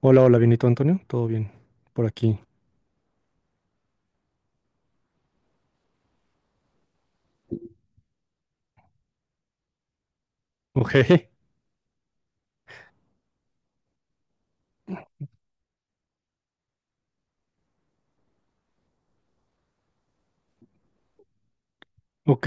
Hola, hola, bienito Antonio, todo bien por aquí. Ok, ok.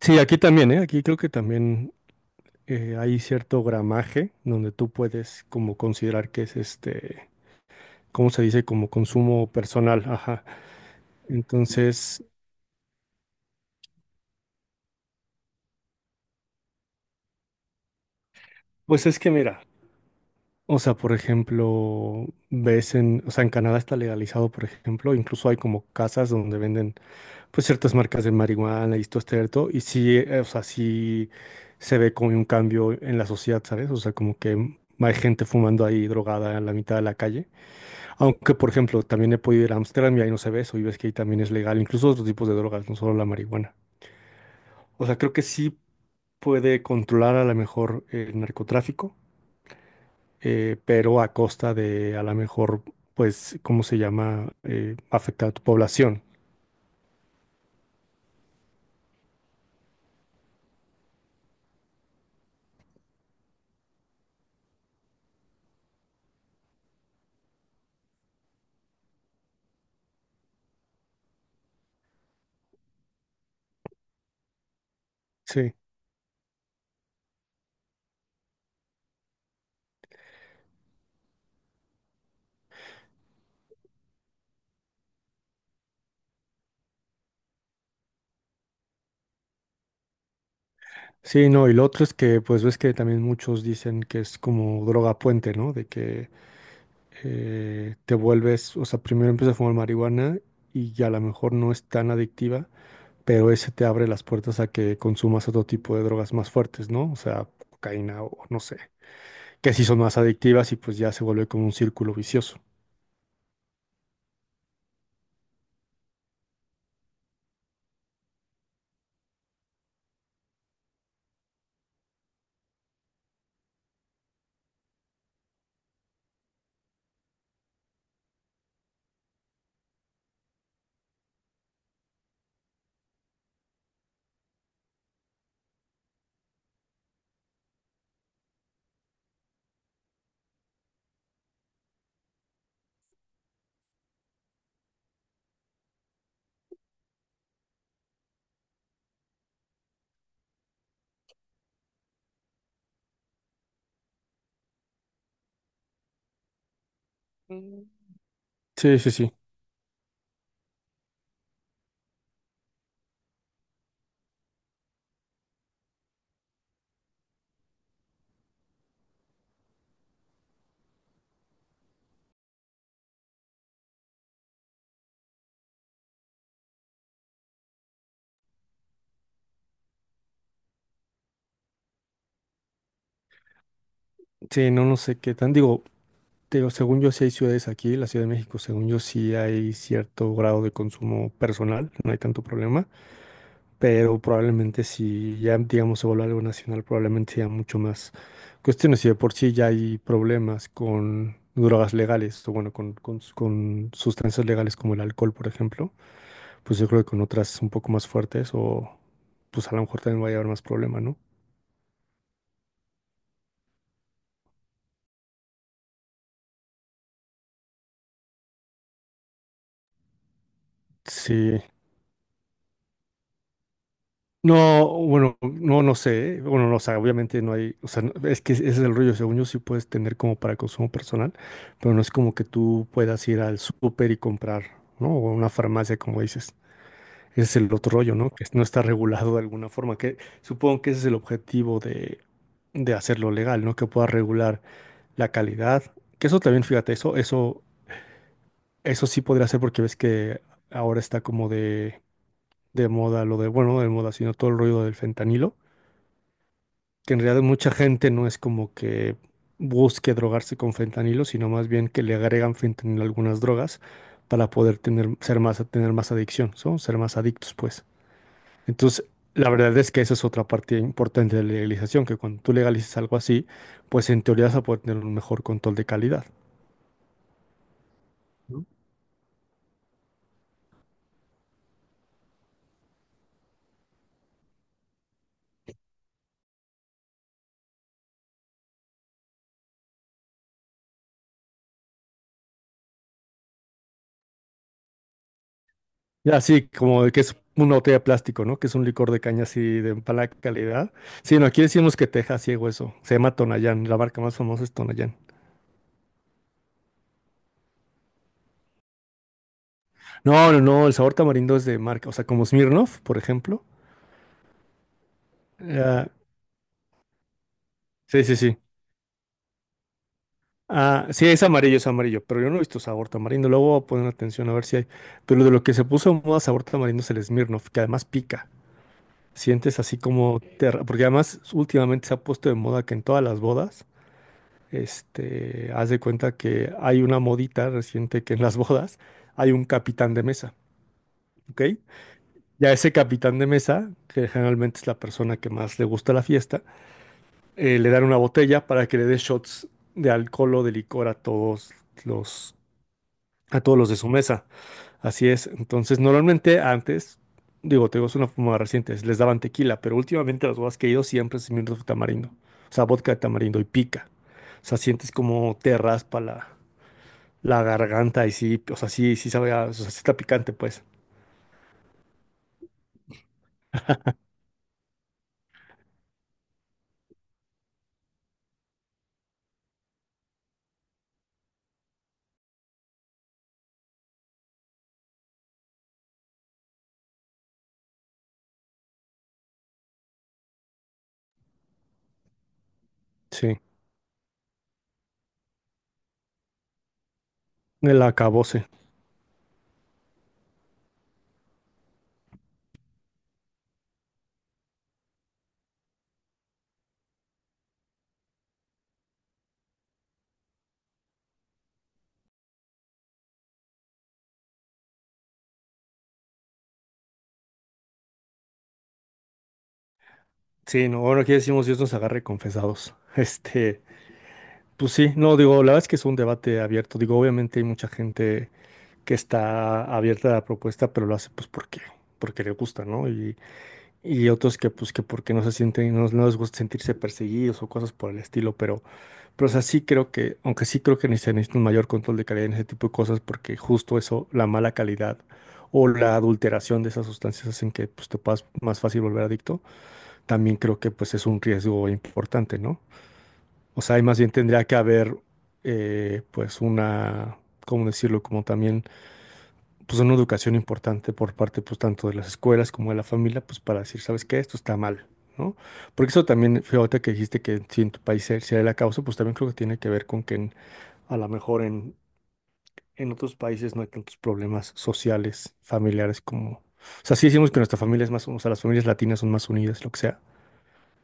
Sí, aquí también, ¿eh? Aquí creo que también hay cierto gramaje donde tú puedes como considerar que es este, ¿cómo se dice? Como consumo personal, ajá. Entonces, pues es que mira, o sea, por ejemplo, o sea, en Canadá está legalizado, por ejemplo, incluso hay como casas donde venden pues ciertas marcas de marihuana y esto, cierto, y sí, o sea, sí se ve como un cambio en la sociedad, ¿sabes? O sea, como que hay gente fumando ahí drogada en la mitad de la calle. Aunque, por ejemplo, también he podido ir a Ámsterdam y ahí no se ve eso, y ves que ahí también es legal, incluso otros tipos de drogas, no solo la marihuana. O sea, creo que sí puede controlar a lo mejor el narcotráfico, pero a costa de a lo mejor, pues, ¿cómo se llama? Afectar a tu población. Sí. Sí, no, y lo otro es que, pues ves que también muchos dicen que es como droga puente, ¿no? De que te vuelves, o sea, primero empiezas a fumar marihuana y ya a lo mejor no es tan adictiva, pero ese te abre las puertas a que consumas otro tipo de drogas más fuertes, ¿no? O sea, cocaína o no sé, que sí son más adictivas y pues ya se vuelve como un círculo vicioso. Sí, sí, sí. Sí, no, no sé qué tan. Digo, te digo, según yo sí hay ciudades aquí, la Ciudad de México, según yo sí hay cierto grado de consumo personal, no hay tanto problema. Pero probablemente si ya, digamos, se vuelve algo nacional, probablemente sea mucho más cuestiones. Si de por sí ya hay problemas con drogas legales, o bueno, con sustancias legales como el alcohol, por ejemplo, pues yo creo que con otras un poco más fuertes o pues a lo mejor también vaya a haber más problema, ¿no? Sí, no, bueno, no, no sé, ¿eh? Bueno, no, o sea, obviamente no hay, o sea, es que ese es el rollo, según yo sí puedes tener como para consumo personal, pero no es como que tú puedas ir al súper y comprar, ¿no? O a una farmacia, como dices. Ese es el otro rollo, ¿no? Que no está regulado de alguna forma, que supongo que ese es el objetivo de hacerlo legal, ¿no? Que pueda regular la calidad, que eso también, fíjate, eso sí podría ser porque ves que ahora está como de moda lo de, bueno, no de moda, sino todo el rollo del fentanilo que en realidad mucha gente no es como que busque drogarse con fentanilo, sino más bien que le agregan fentanilo a algunas drogas para poder tener, ser más, tener más adicción, ¿so? Ser más adictos, pues. Entonces, la verdad es que esa es otra parte importante de la legalización, que cuando tú legalices algo así, pues en teoría vas a poder tener un mejor control de calidad, ¿no? Y así como de que es una botella de plástico, ¿no? Que es un licor de caña así de mala calidad. Sí, no, aquí decimos que te deja ciego eso. Se llama Tonayán, la marca más famosa es Tonayán. No, no, no, el sabor tamarindo es de marca, o sea, como Smirnoff, por ejemplo. Ah, sí, sí, sí. Ah, sí, es amarillo, pero yo no he visto sabor tamarindo. Luego voy a poner atención a ver si hay. Pero de lo que se puso en moda sabor tamarindo es el Smirnoff, que además pica. Sientes así como te porque además últimamente se ha puesto de moda que en todas las bodas, este, haz de cuenta que hay una modita reciente que en las bodas hay un capitán de mesa, ¿ok? Ya ese capitán de mesa, que generalmente es la persona que más le gusta la fiesta, le dan una botella para que le dé shots de alcohol o de licor los, a todos los de su mesa. Así es. Entonces, normalmente antes, digo, te digo, es una forma reciente, les daban tequila, pero últimamente a los bodas que he ido siempre es mirro de tamarindo. O sea, vodka de tamarindo y pica. O sea, sientes como te raspa la garganta y sí, o sea, sí, sí sabe, o sea, sí está picante, pues. Sí, el acabose. Sí, no, bueno, aquí decimos Dios nos agarre confesados. Este, pues sí, no, digo, la verdad es que es un debate abierto. Digo, obviamente hay mucha gente que está abierta a la propuesta, pero lo hace pues porque, porque le gusta, ¿no? Y otros que pues que porque no se sienten, no, no les gusta sentirse perseguidos o cosas por el estilo, pero o sea, sí creo que, aunque sí creo que necesita un mayor control de calidad en ese tipo de cosas, porque justo eso, la mala calidad o la adulteración de esas sustancias hacen que pues te puedas más fácil volver adicto, también creo que pues es un riesgo importante, ¿no? O sea, y más bien tendría que haber, pues, una, ¿cómo decirlo? Como también, pues, una educación importante por parte, pues, tanto de las escuelas como de la familia, pues, para decir, ¿sabes qué? Esto está mal, ¿no? Porque eso también, fíjate que dijiste que si en tu país se da la causa, pues, también creo que tiene que ver con que a lo mejor en otros países no hay tantos problemas sociales, familiares como... O sea, sí decimos que nuestra familia es más, o sea, las familias latinas son más unidas, lo que sea,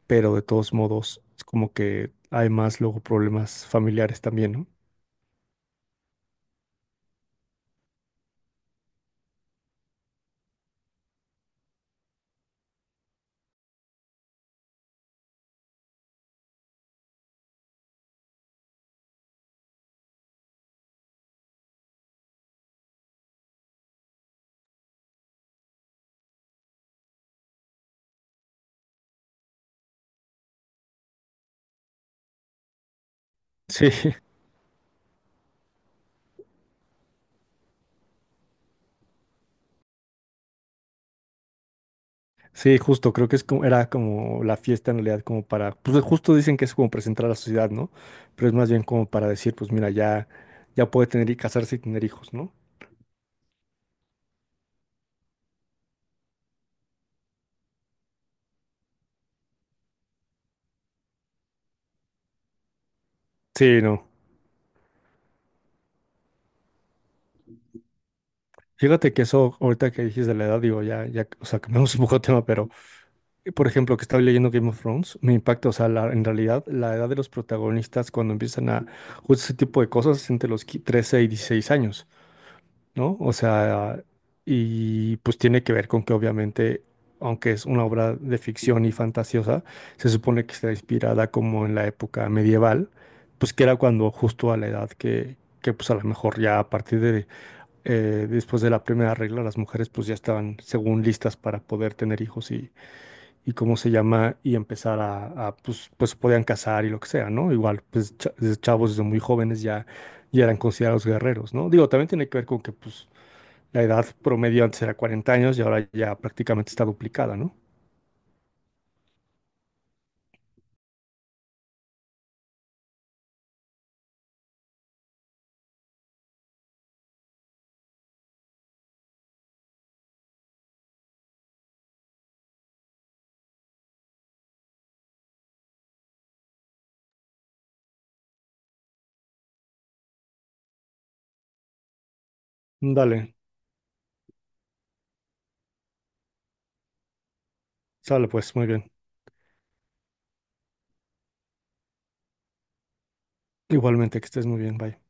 pero de todos modos, es como que hay más luego problemas familiares también, ¿no? Sí, sí, justo, creo que es como, era como la fiesta en realidad, como para, pues justo dicen que es como presentar a la sociedad, ¿no? Pero es más bien como para decir, pues mira, ya, ya puede tener y casarse y tener hijos, ¿no? Sí, no. Fíjate que eso, ahorita que dijiste de la edad, digo, ya, ya, o sea, cambiamos un poco de tema, pero, por ejemplo, que estaba leyendo Game of Thrones, me impacta, o sea, en realidad, la edad de los protagonistas cuando empiezan a, justo ese tipo de cosas, es entre los 13 y 16 años. ¿No? O sea, y pues tiene que ver con que obviamente, aunque es una obra de ficción y fantasiosa, se supone que está inspirada como en la época medieval, pues que era cuando justo a la edad que pues a lo mejor ya a partir de, después de la primera regla, las mujeres pues ya estaban según listas para poder tener hijos y cómo se llama, y empezar pues, pues podían casar y lo que sea, ¿no? Igual, pues desde chavos desde muy jóvenes ya, ya eran considerados guerreros, ¿no? Digo, también tiene que ver con que pues la edad promedio antes era 40 años y ahora ya prácticamente está duplicada, ¿no? Dale, sale pues, muy bien. Igualmente, que estés muy bien, bye.